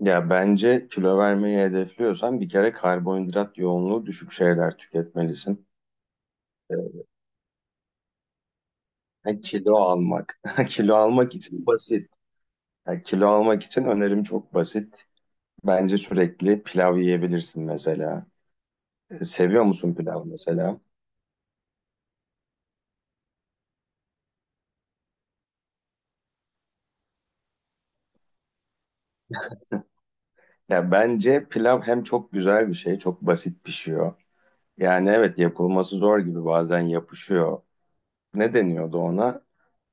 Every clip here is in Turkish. Ya bence kilo vermeyi hedefliyorsan bir kere karbonhidrat yoğunluğu düşük şeyler tüketmelisin. Ha, kilo almak. Kilo almak için basit. Ha, kilo almak için önerim çok basit. Bence sürekli pilav yiyebilirsin mesela. Seviyor musun pilav mesela? Ya bence pilav hem çok güzel bir şey, çok basit pişiyor. Yani evet yapılması zor gibi bazen yapışıyor. Ne deniyordu ona?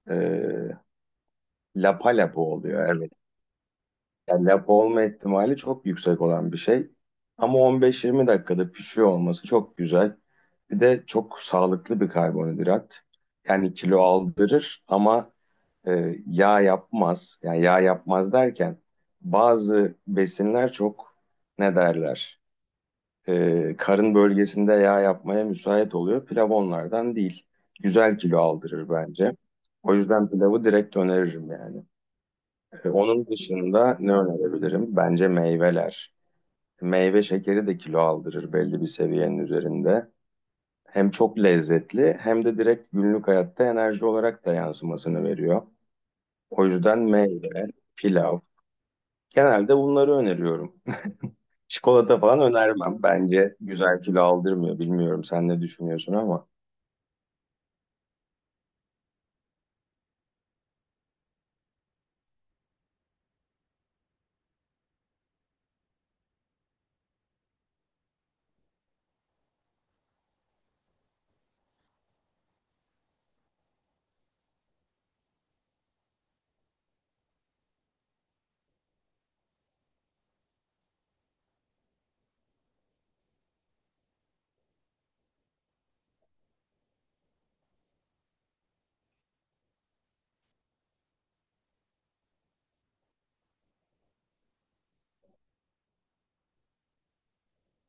E, Lapa lapa oluyor. Evet. Yani lapa olma ihtimali çok yüksek olan bir şey. Ama 15-20 dakikada pişiyor olması çok güzel. Bir de çok sağlıklı bir karbonhidrat. Yani kilo aldırır ama yağ yapmaz. Yani yağ yapmaz derken bazı besinler çok ne derler? Karın bölgesinde yağ yapmaya müsait oluyor. Pilav onlardan değil. Güzel kilo aldırır bence. O yüzden pilavı direkt öneririm yani. Onun dışında ne önerebilirim? Bence meyveler. Meyve şekeri de kilo aldırır belli bir seviyenin üzerinde. Hem çok lezzetli hem de direkt günlük hayatta enerji olarak da yansımasını veriyor. O yüzden meyve, pilav. Genelde bunları öneriyorum. Çikolata falan önermem. Bence güzel kilo aldırmıyor. Bilmiyorum sen ne düşünüyorsun ama.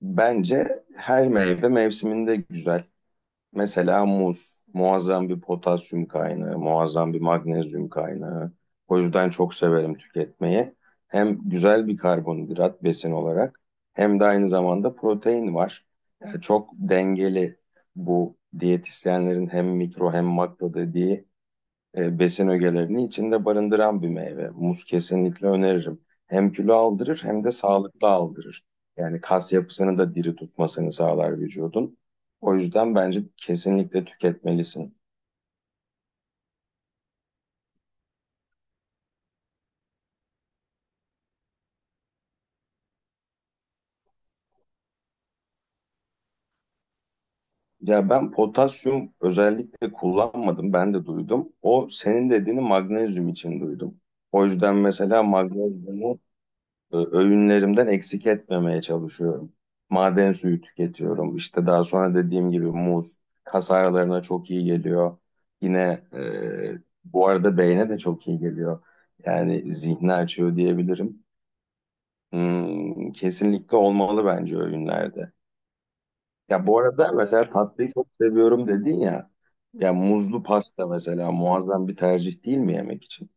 Bence her meyve mevsiminde güzel. Mesela muz muazzam bir potasyum kaynağı, muazzam bir magnezyum kaynağı. O yüzden çok severim tüketmeyi. Hem güzel bir karbonhidrat besin olarak hem de aynı zamanda protein var. Yani çok dengeli bu diyetisyenlerin hem mikro hem makro dediği besin ögelerini içinde barındıran bir meyve. Muz kesinlikle öneririm. Hem kilo aldırır hem de sağlıklı aldırır. Yani kas yapısını da diri tutmasını sağlar vücudun. O yüzden bence kesinlikle tüketmelisin. Ya ben potasyum özellikle kullanmadım, ben de duydum. O senin dediğini magnezyum için duydum. O yüzden mesela magnezyumu öğünlerimden eksik etmemeye çalışıyorum. Maden suyu tüketiyorum. İşte daha sonra dediğim gibi muz kas ağrılarına çok iyi geliyor. Yine bu arada beyne de çok iyi geliyor. Yani zihni açıyor diyebilirim. Hmm, kesinlikle olmalı bence öğünlerde. Ya bu arada mesela tatlıyı çok seviyorum dedin ya. Ya muzlu pasta mesela muazzam bir tercih değil mi yemek için?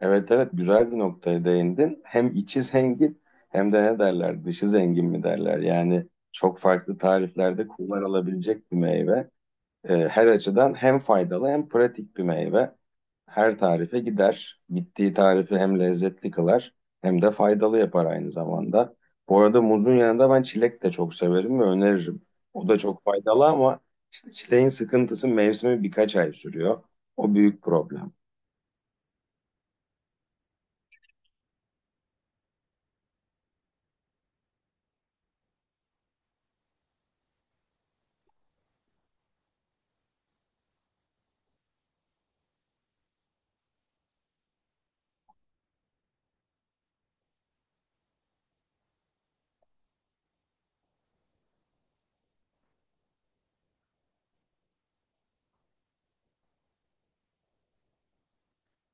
Evet evet, güzel bir noktaya değindin. Hem içi zengin hem de ne derler dışı zengin mi derler. Yani çok farklı tariflerde kullanılabilecek bir meyve. Her açıdan hem faydalı hem pratik bir meyve. Her tarife gider. Gittiği tarifi hem lezzetli kılar hem de faydalı yapar aynı zamanda. Bu arada muzun yanında ben çilek de çok severim ve öneririm. O da çok faydalı ama işte çileğin sıkıntısı mevsimi birkaç ay sürüyor. O büyük problem.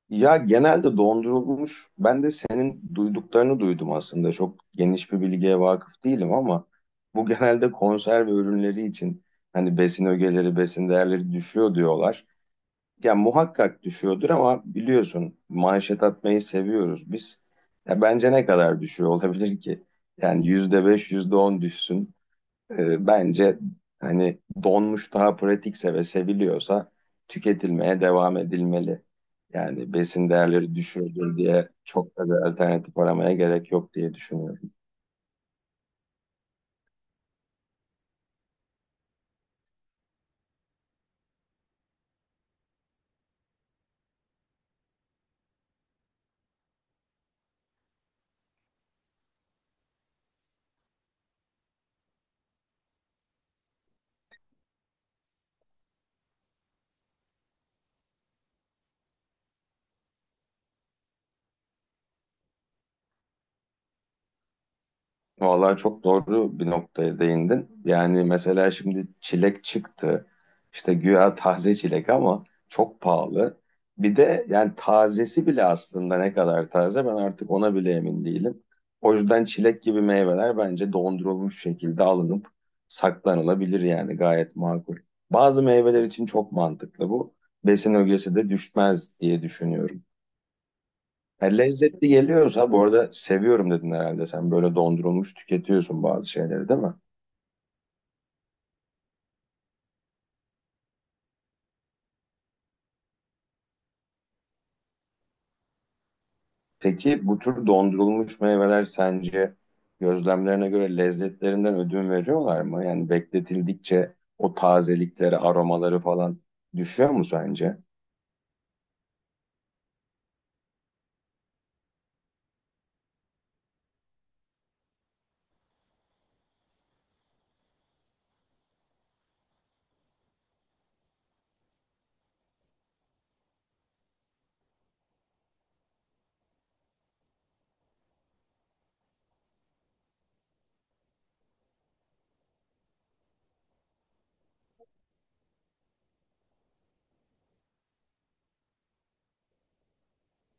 Ya genelde dondurulmuş. Ben de senin duyduklarını duydum aslında. Çok geniş bir bilgiye vakıf değilim ama bu genelde konserve ürünleri için hani besin ögeleri, besin değerleri düşüyor diyorlar. Ya muhakkak düşüyordur ama biliyorsun manşet atmayı seviyoruz biz. Ya bence ne kadar düşüyor olabilir ki? Yani %5, yüzde on düşsün. Bence hani donmuş daha pratikse ve seviliyorsa tüketilmeye devam edilmeli. Yani besin değerleri düşürdür diye çok da bir alternatif aramaya gerek yok diye düşünüyorum. Vallahi çok doğru bir noktaya değindin. Yani mesela şimdi çilek çıktı. İşte güya taze çilek ama çok pahalı. Bir de yani tazesi bile aslında ne kadar taze ben artık ona bile emin değilim. O yüzden çilek gibi meyveler bence dondurulmuş şekilde alınıp saklanılabilir yani gayet makul. Bazı meyveler için çok mantıklı bu. Besin ögesi de düşmez diye düşünüyorum. Ha, lezzetli geliyorsa bu arada seviyorum dedin herhalde. Sen böyle dondurulmuş tüketiyorsun bazı şeyleri değil mi? Peki bu tür dondurulmuş meyveler sence gözlemlerine göre lezzetlerinden ödün veriyorlar mı? Yani bekletildikçe o tazelikleri, aromaları falan düşüyor mu sence?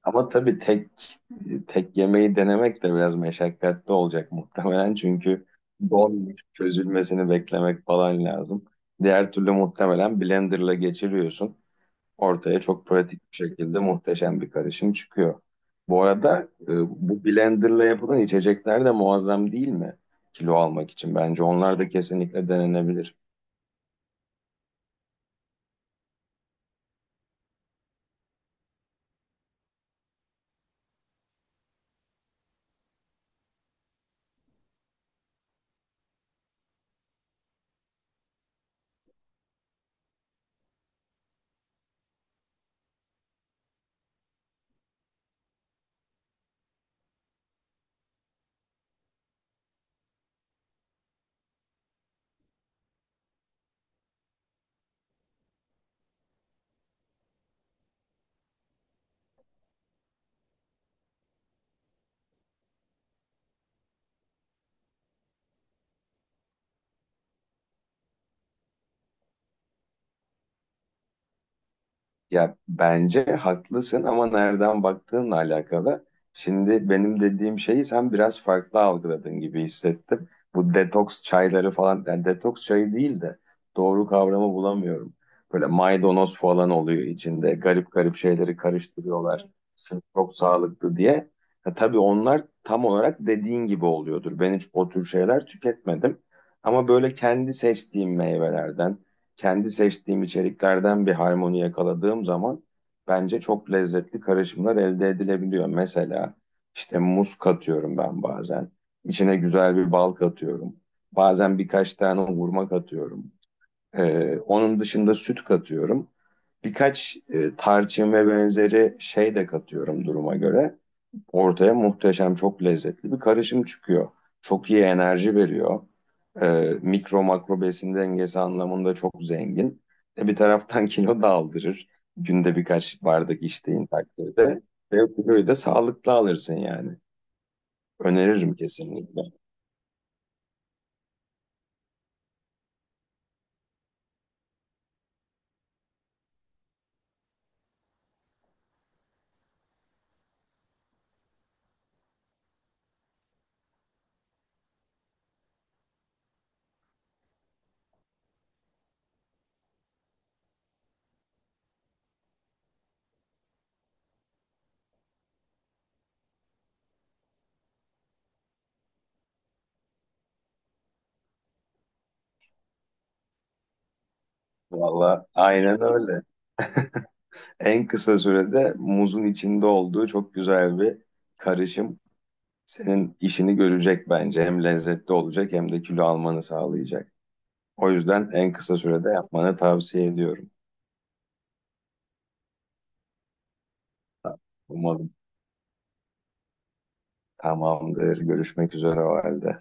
Ama tabii tek yemeği denemek de biraz meşakkatli olacak muhtemelen. Çünkü don çözülmesini beklemek falan lazım. Diğer türlü muhtemelen blenderla geçiriyorsun. Ortaya çok pratik bir şekilde muhteşem bir karışım çıkıyor. Bu arada bu blenderla yapılan içecekler de muazzam değil mi? Kilo almak için. Bence onlar da kesinlikle denenebilir. Ya bence haklısın ama nereden baktığınla alakalı. Şimdi benim dediğim şeyi sen biraz farklı algıladın gibi hissettim. Bu detoks çayları falan, yani detoks çayı değil de doğru kavramı bulamıyorum. Böyle maydanoz falan oluyor içinde. Garip garip şeyleri karıştırıyorlar. Sırf çok sağlıklı diye. Ha, tabii onlar tam olarak dediğin gibi oluyordur. Ben hiç o tür şeyler tüketmedim. Ama böyle kendi seçtiğim meyvelerden kendi seçtiğim içeriklerden bir harmoni yakaladığım zaman bence çok lezzetli karışımlar elde edilebiliyor. Mesela işte muz katıyorum ben bazen. İçine güzel bir bal katıyorum. Bazen birkaç tane hurma katıyorum. Onun dışında süt katıyorum. Birkaç tarçın ve benzeri şey de katıyorum duruma göre. Ortaya muhteşem, çok lezzetli bir karışım çıkıyor. Çok iyi enerji veriyor. Mikro makro besin dengesi anlamında çok zengin. Bir taraftan kilo da aldırır. Günde birkaç bardak içtiğin takdirde. Ve o kiloyu da sağlıklı alırsın yani. Öneririm kesinlikle. Valla aynen öyle. En kısa sürede muzun içinde olduğu çok güzel bir karışım. Senin işini görecek bence. Hem lezzetli olacak hem de kilo almanı sağlayacak. O yüzden en kısa sürede yapmanı tavsiye ediyorum. Umarım tamamdır. Görüşmek üzere o halde.